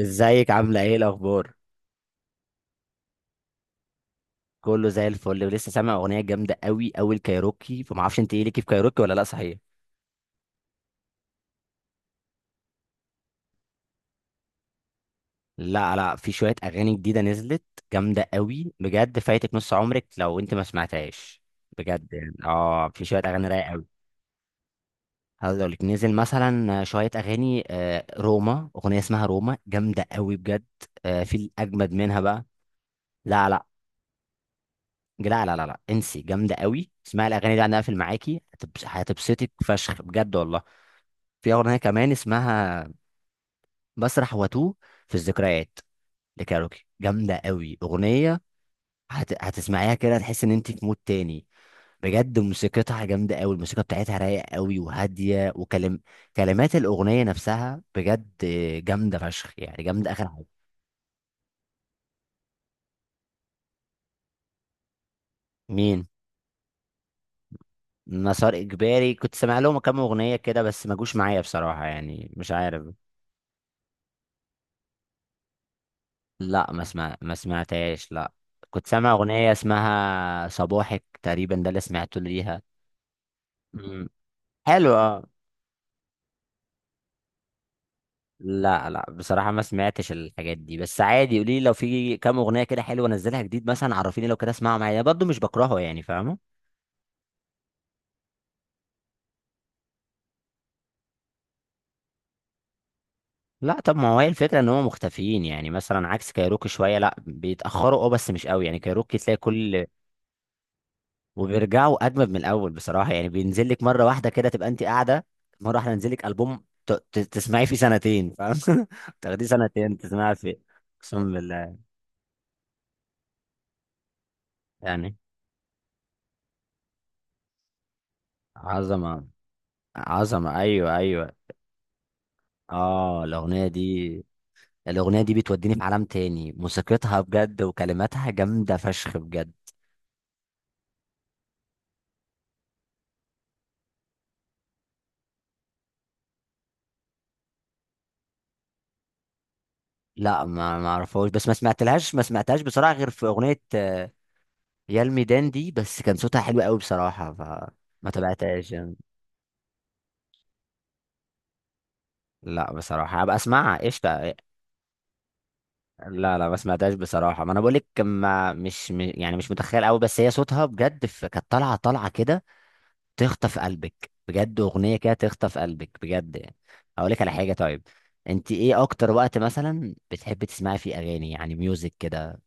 ازيك، عامله ايه؟ الاخبار كله زي الفل. ولسه سامع اغنيه جامده قوي قوي، الكايروكي. فما اعرفش انت ايه ليكي في كايروكي ولا لا، صحيح؟ لا لا، في شويه اغاني جديده نزلت جامده قوي بجد. فايتك نص عمرك لو انت ما سمعتهاش. بجد يعني اه، في شويه اغاني رايقه قوي. هقول لك، نزل مثلا شويه اغاني، روما. اغنيه اسمها روما جامده قوي بجد. في الاجمد منها بقى. لا لا لا لا لا لا، انسي. جامده قوي، اسمعي الاغاني دي. انا اقفل معاكي. هتبسطك فشخ بجد والله. في اغنيه كمان اسمها مسرح واتوه، في الذكريات. لكاروكي جامده قوي اغنيه. هتسمعيها كده تحس ان انت في مود تاني. بجد موسيقتها جامده قوي. الموسيقى بتاعتها رايقه قوي وهاديه، وكلم كلمات الاغنيه نفسها بجد جامده فشخ. يعني جامده اخر حاجه. مين؟ مسار اجباري كنت سامع لهم كام اغنيه كده، بس ما جوش معايا بصراحه. يعني مش عارف. لا، ما سمعتهاش، لا. كنت سامع اغنيه اسمها صباحك تقريبا، ده اللي سمعته ليها. مم. حلو، اه. لا لا، بصراحة ما سمعتش الحاجات دي. بس عادي، قولي لي لو في كام أغنية كده حلوة نزلها جديد مثلا، عرفيني. لو كده اسمعها معايا. أنا برضه مش بكرهه، يعني فاهمه. لا، طب ما هو هي الفكرة ان هم مختفيين. يعني مثلا عكس كايروكي شوية. لا بيتأخروا، اه، بس مش قوي. يعني كايروكي تلاقي كل وبيرجعوا أجمد من الأول بصراحة. يعني بينزل لك مرة واحدة كده تبقى أنت قاعدة. مرة واحدة ينزل لك ألبوم، تسمعيه فيه سنتين، فاهم؟ تاخديه سنتين تسمعي فيه. أقسم بالله. يعني عظمة. عظمة، أيوه أيوه. اه، الاغنيه دي. الاغنيه دي بتوديني في عالم تاني. موسيقتها بجد وكلماتها جامده فشخ بجد. لا، ما اعرفهاش. بس ما سمعتهاش بصراحه، غير في اغنيه، يا الميدان دي. بس كان صوتها حلو قوي بصراحه، فما تابعتهاش يعني. لا بصراحه هبقى اسمعها، قشطه. لا لا، ما سمعتهاش بصراحه. ما انا بقول لك، ما مش م- يعني مش متخيل قوي. بس هي صوتها بجد، كانت طالعه طالعه كده، تخطف قلبك بجد. اغنيه كده تخطف قلبك بجد يعني. اقول لك على حاجه، طيب. انت ايه اكتر وقت مثلا بتحبي تسمعي فيه اغاني، يعني ميوزك كده؟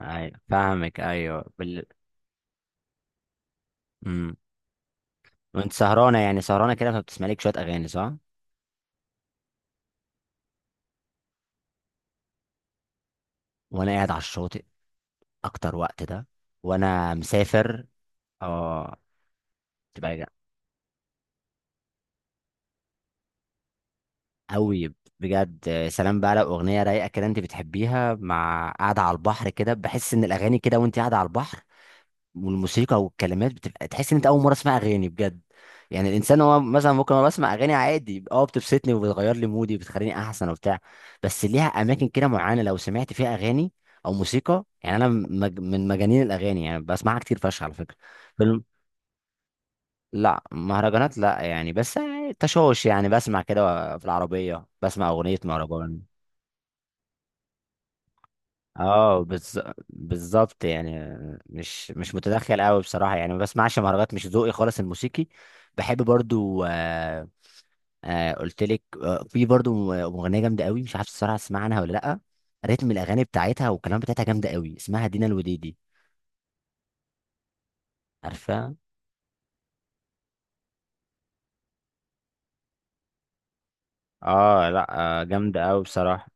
ايوه فاهمك، ايوه امم. وانت سهرانه، يعني سهرانه كده، فبتسمعي لك شويه اغاني، صح؟ وانا قاعد على الشاطئ، اكتر وقت ده. وانا مسافر. اه، تبقى جا- قوي بجد. يا سلام بقى لو اغنيه رايقه كده انت بتحبيها، مع قاعده على البحر كده. بحس ان الاغاني كده، وانت قاعده على البحر والموسيقى والكلمات، بتبقى تحس ان انت اول مره اسمع اغاني بجد. يعني الانسان، هو مثلا ممكن انا بسمع اغاني عادي، اه، بتبسطني وبتغير لي مودي، بتخليني احسن وبتاع. بس ليها اماكن كده معينه لو سمعت فيها اغاني او موسيقى. يعني انا من مجانين الاغاني. يعني بسمعها كتير فشخ على فكره. فيلم. لا مهرجانات، لا يعني. بس يعني تشوش، يعني بسمع كده في العربيه بسمع اغنيه مهرجان. اه، بالظبط يعني. مش متدخل قوي بصراحه. يعني ما بسمعش مهرجانات، مش ذوقي خالص الموسيقي. بحب برضو. قلت لك، في برضو مغنيه جامده قوي، مش عارف الصراحه تسمع عنها ولا لا. رتم الاغاني بتاعتها والكلام بتاعتها جامده قوي، اسمها دينا الوديدي. عارفها. اه، لا. جامده قوي بصراحه.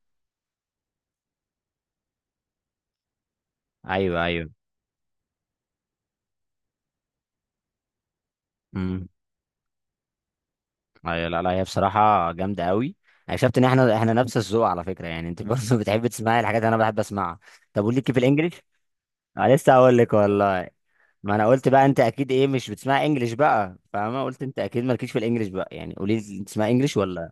ايوه ايوه. امم. ايوه، لا لا، هي بصراحه جامده قوي. اكتشفت ان احنا نفس الذوق على فكره. يعني انت برضه بتحب تسمعي الحاجات اللي انا بحب اسمعها. طب وليكي في الانجليش؟ أنا لسه هقول لك والله. ما انا قلت بقى انت اكيد ايه، مش بتسمع انجليش بقى، فاهمه؟ قلت انت اكيد مالكيش في الانجليش بقى. يعني قولي لي، انت تسمع انجليش ولا؟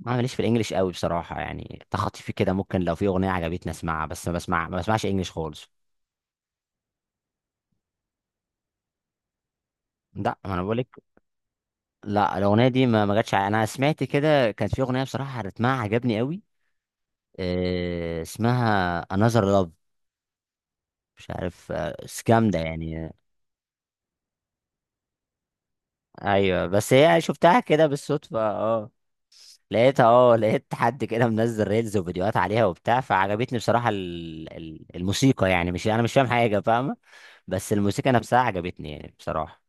ما ماليش في الانجليش قوي بصراحه. يعني تخطيفي كده ممكن، لو في اغنيه عجبتني اسمعها، بس ما بسمعش انجليش خالص. لا، ما انا بقول لك. لا، الاغنيه دي ما جاتش. انا سمعت كده، كانت في اغنيه بصراحه رتمها عجبني قوي. إيه اسمها؟ Another Love. مش عارف، بس جامده يعني. ايوه، بس هي شفتها كده بالصدفه، اه. لقيت حد كده منزل ريلز وفيديوهات عليها وبتاع، فعجبتني بصراحة الموسيقى. يعني مش انا مش فاهم حاجة، فاهمة؟ بس الموسيقى نفسها عجبتني يعني بصراحة.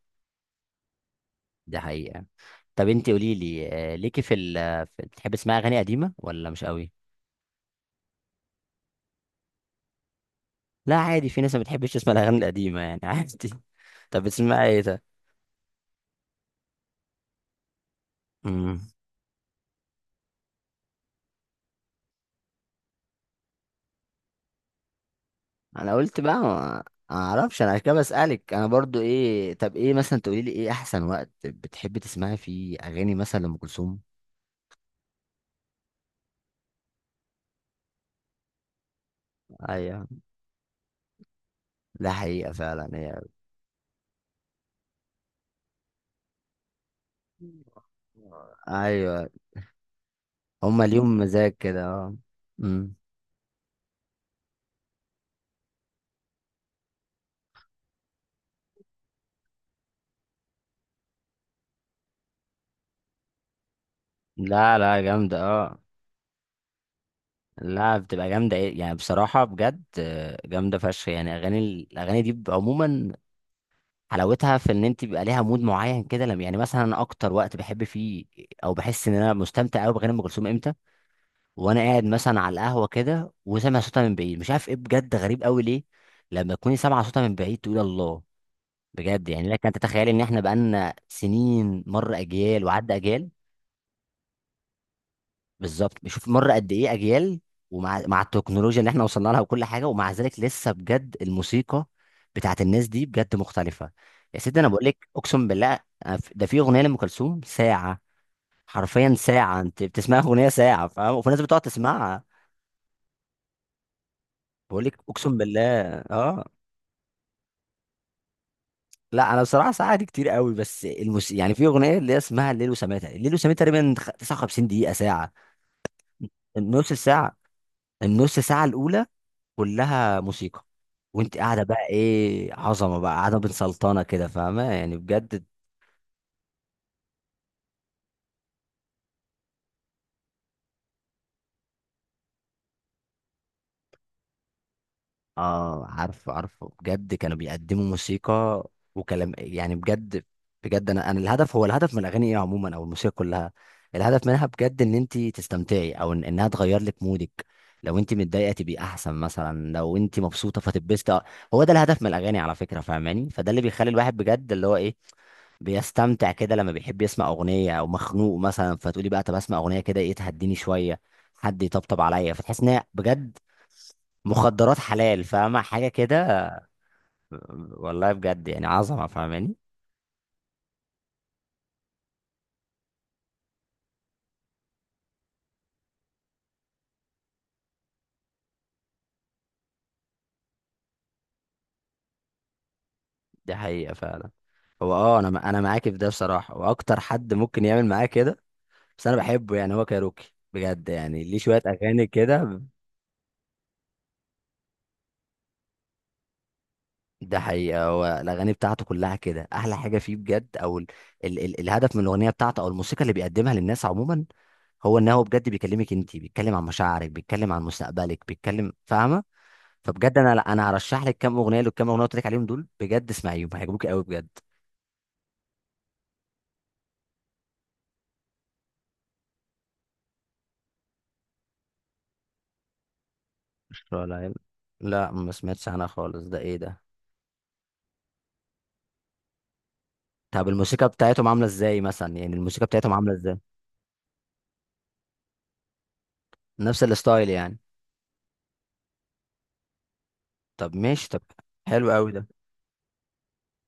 دي حقيقة. طب انت قولي لي، ليكي في ال، بتحبي تسمعي اغاني قديمة ولا مش قوي؟ لا عادي، في ناس ما بتحبش تسمع الاغاني القديمة يعني، عادي. طب بتسمعي ايه؟ ده امم. انا قلت بقى ما، ما اعرفش انا عشان كده بسألك انا برضو. ايه؟ طب ايه مثلا، تقولي لي ايه احسن وقت بتحبي تسمعي فيه اغاني مثلا لأم كلثوم؟ ايوه، ده حقيقة فعلا هي. ايوه، هما ليهم مزاج كده، اه. امم. لا لا، جامدة، اه. لا بتبقى جامدة. ايه يعني بصراحة بجد؟ جامدة فشخ يعني اغاني. الاغاني دي بيبقى عموما حلاوتها في ان انت بيبقى ليها مود معين كده. لما يعني مثلا انا اكتر وقت بحب فيه، او بحس ان انا مستمتع قوي باغاني ام كلثوم امتى؟ وانا قاعد مثلا على القهوة كده، وسامع صوتها من بعيد. مش عارف ايه، بجد غريب قوي ليه. لما تكوني سامعة صوتها من بعيد تقول الله. بجد يعني، لك انت تتخيل ان احنا بقالنا سنين، مر اجيال وعدى اجيال. بالظبط، بشوف مر قد ايه اجيال. ومع التكنولوجيا اللي احنا وصلنا لها وكل حاجه، ومع ذلك لسه بجد الموسيقى بتاعت الناس دي بجد مختلفه. يا سيدي انا بقول لك، اقسم بالله. أنا ده في اغنيه لام كلثوم ساعه. حرفيا ساعه، انت بتسمعها اغنيه ساعه، فاهم؟ وفي ناس بتقعد تسمعها. بقول لك اقسم بالله. اه، لا انا بصراحه ساعه دي كتير قوي. بس الموسيقى يعني، في اغنيه اللي هي اسمها الليل وسماه تقريبا. الليل وسماه تقريبا 59 دقيقه، ساعه. النص ساعة، النص ساعة الأولى كلها موسيقى. وانت قاعدة بقى، ايه عظمة بقى قاعدة بين سلطانة كده، فاهمة يعني بجد. اه، عارفه عارفه، بجد كانوا بيقدموا موسيقى وكلام يعني بجد. بجد انا الهدف هو الهدف من الاغاني ايه عموما، او الموسيقى كلها، الهدف منها بجد ان انت تستمتعي، او إن انها تغير لك مودك. لو انت متضايقه تبقي احسن، مثلا لو انت مبسوطه فتبسطي، هو ده الهدف من الاغاني على فكره، فاهماني؟ فده اللي بيخلي الواحد بجد اللي هو ايه، بيستمتع كده لما بيحب يسمع اغنيه، او مخنوق مثلا فتقولي بقى طب اسمع اغنيه كده، ايه تهديني شويه، حد يطبطب عليا، فتحس ان هي بجد مخدرات حلال، فاهمه حاجه كده. والله بجد يعني عظمه، فاهماني؟ دي حقيقه فعلا. هو اه، انا معاكي في ده بصراحه، واكتر حد ممكن يعمل معاه كده. بس انا بحبه يعني. هو كايروكي بجد يعني ليه شويه اغاني كده. ده حقيقة. هو الأغاني بتاعته كلها كده، أحلى حاجة فيه بجد. أو ال ال ال الهدف من الأغنية بتاعته أو الموسيقى اللي بيقدمها للناس عموما، هو إن هو بجد بيكلمك أنت. بيتكلم عن مشاعرك، بيتكلم عن مستقبلك، بيتكلم فاهمة؟ فبجد أنا، لا، أنا هرشح لك كام أغنية، للكام أغنية اللي قلت لك عليهم دول، بجد اسمعيهم هيعجبوك قوي بجد. قشطة، لا يلا. لا ما سمعتش عنها خالص، ده إيه ده؟ طب الموسيقى بتاعتهم عاملة إزاي مثلا؟ يعني الموسيقى بتاعتهم عاملة إزاي؟ نفس الستايل يعني. طب ماشي، طب. حلو قوي ده.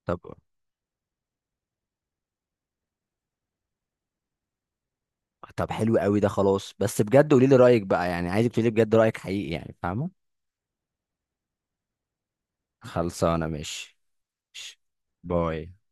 طب. طب حلو قوي ده، خلاص. بس بجد قولي لي رايك بقى، يعني عايزك تقولي بجد رايك حقيقي يعني، فاهمه؟ خلصانه ماشي. ماشي. باي.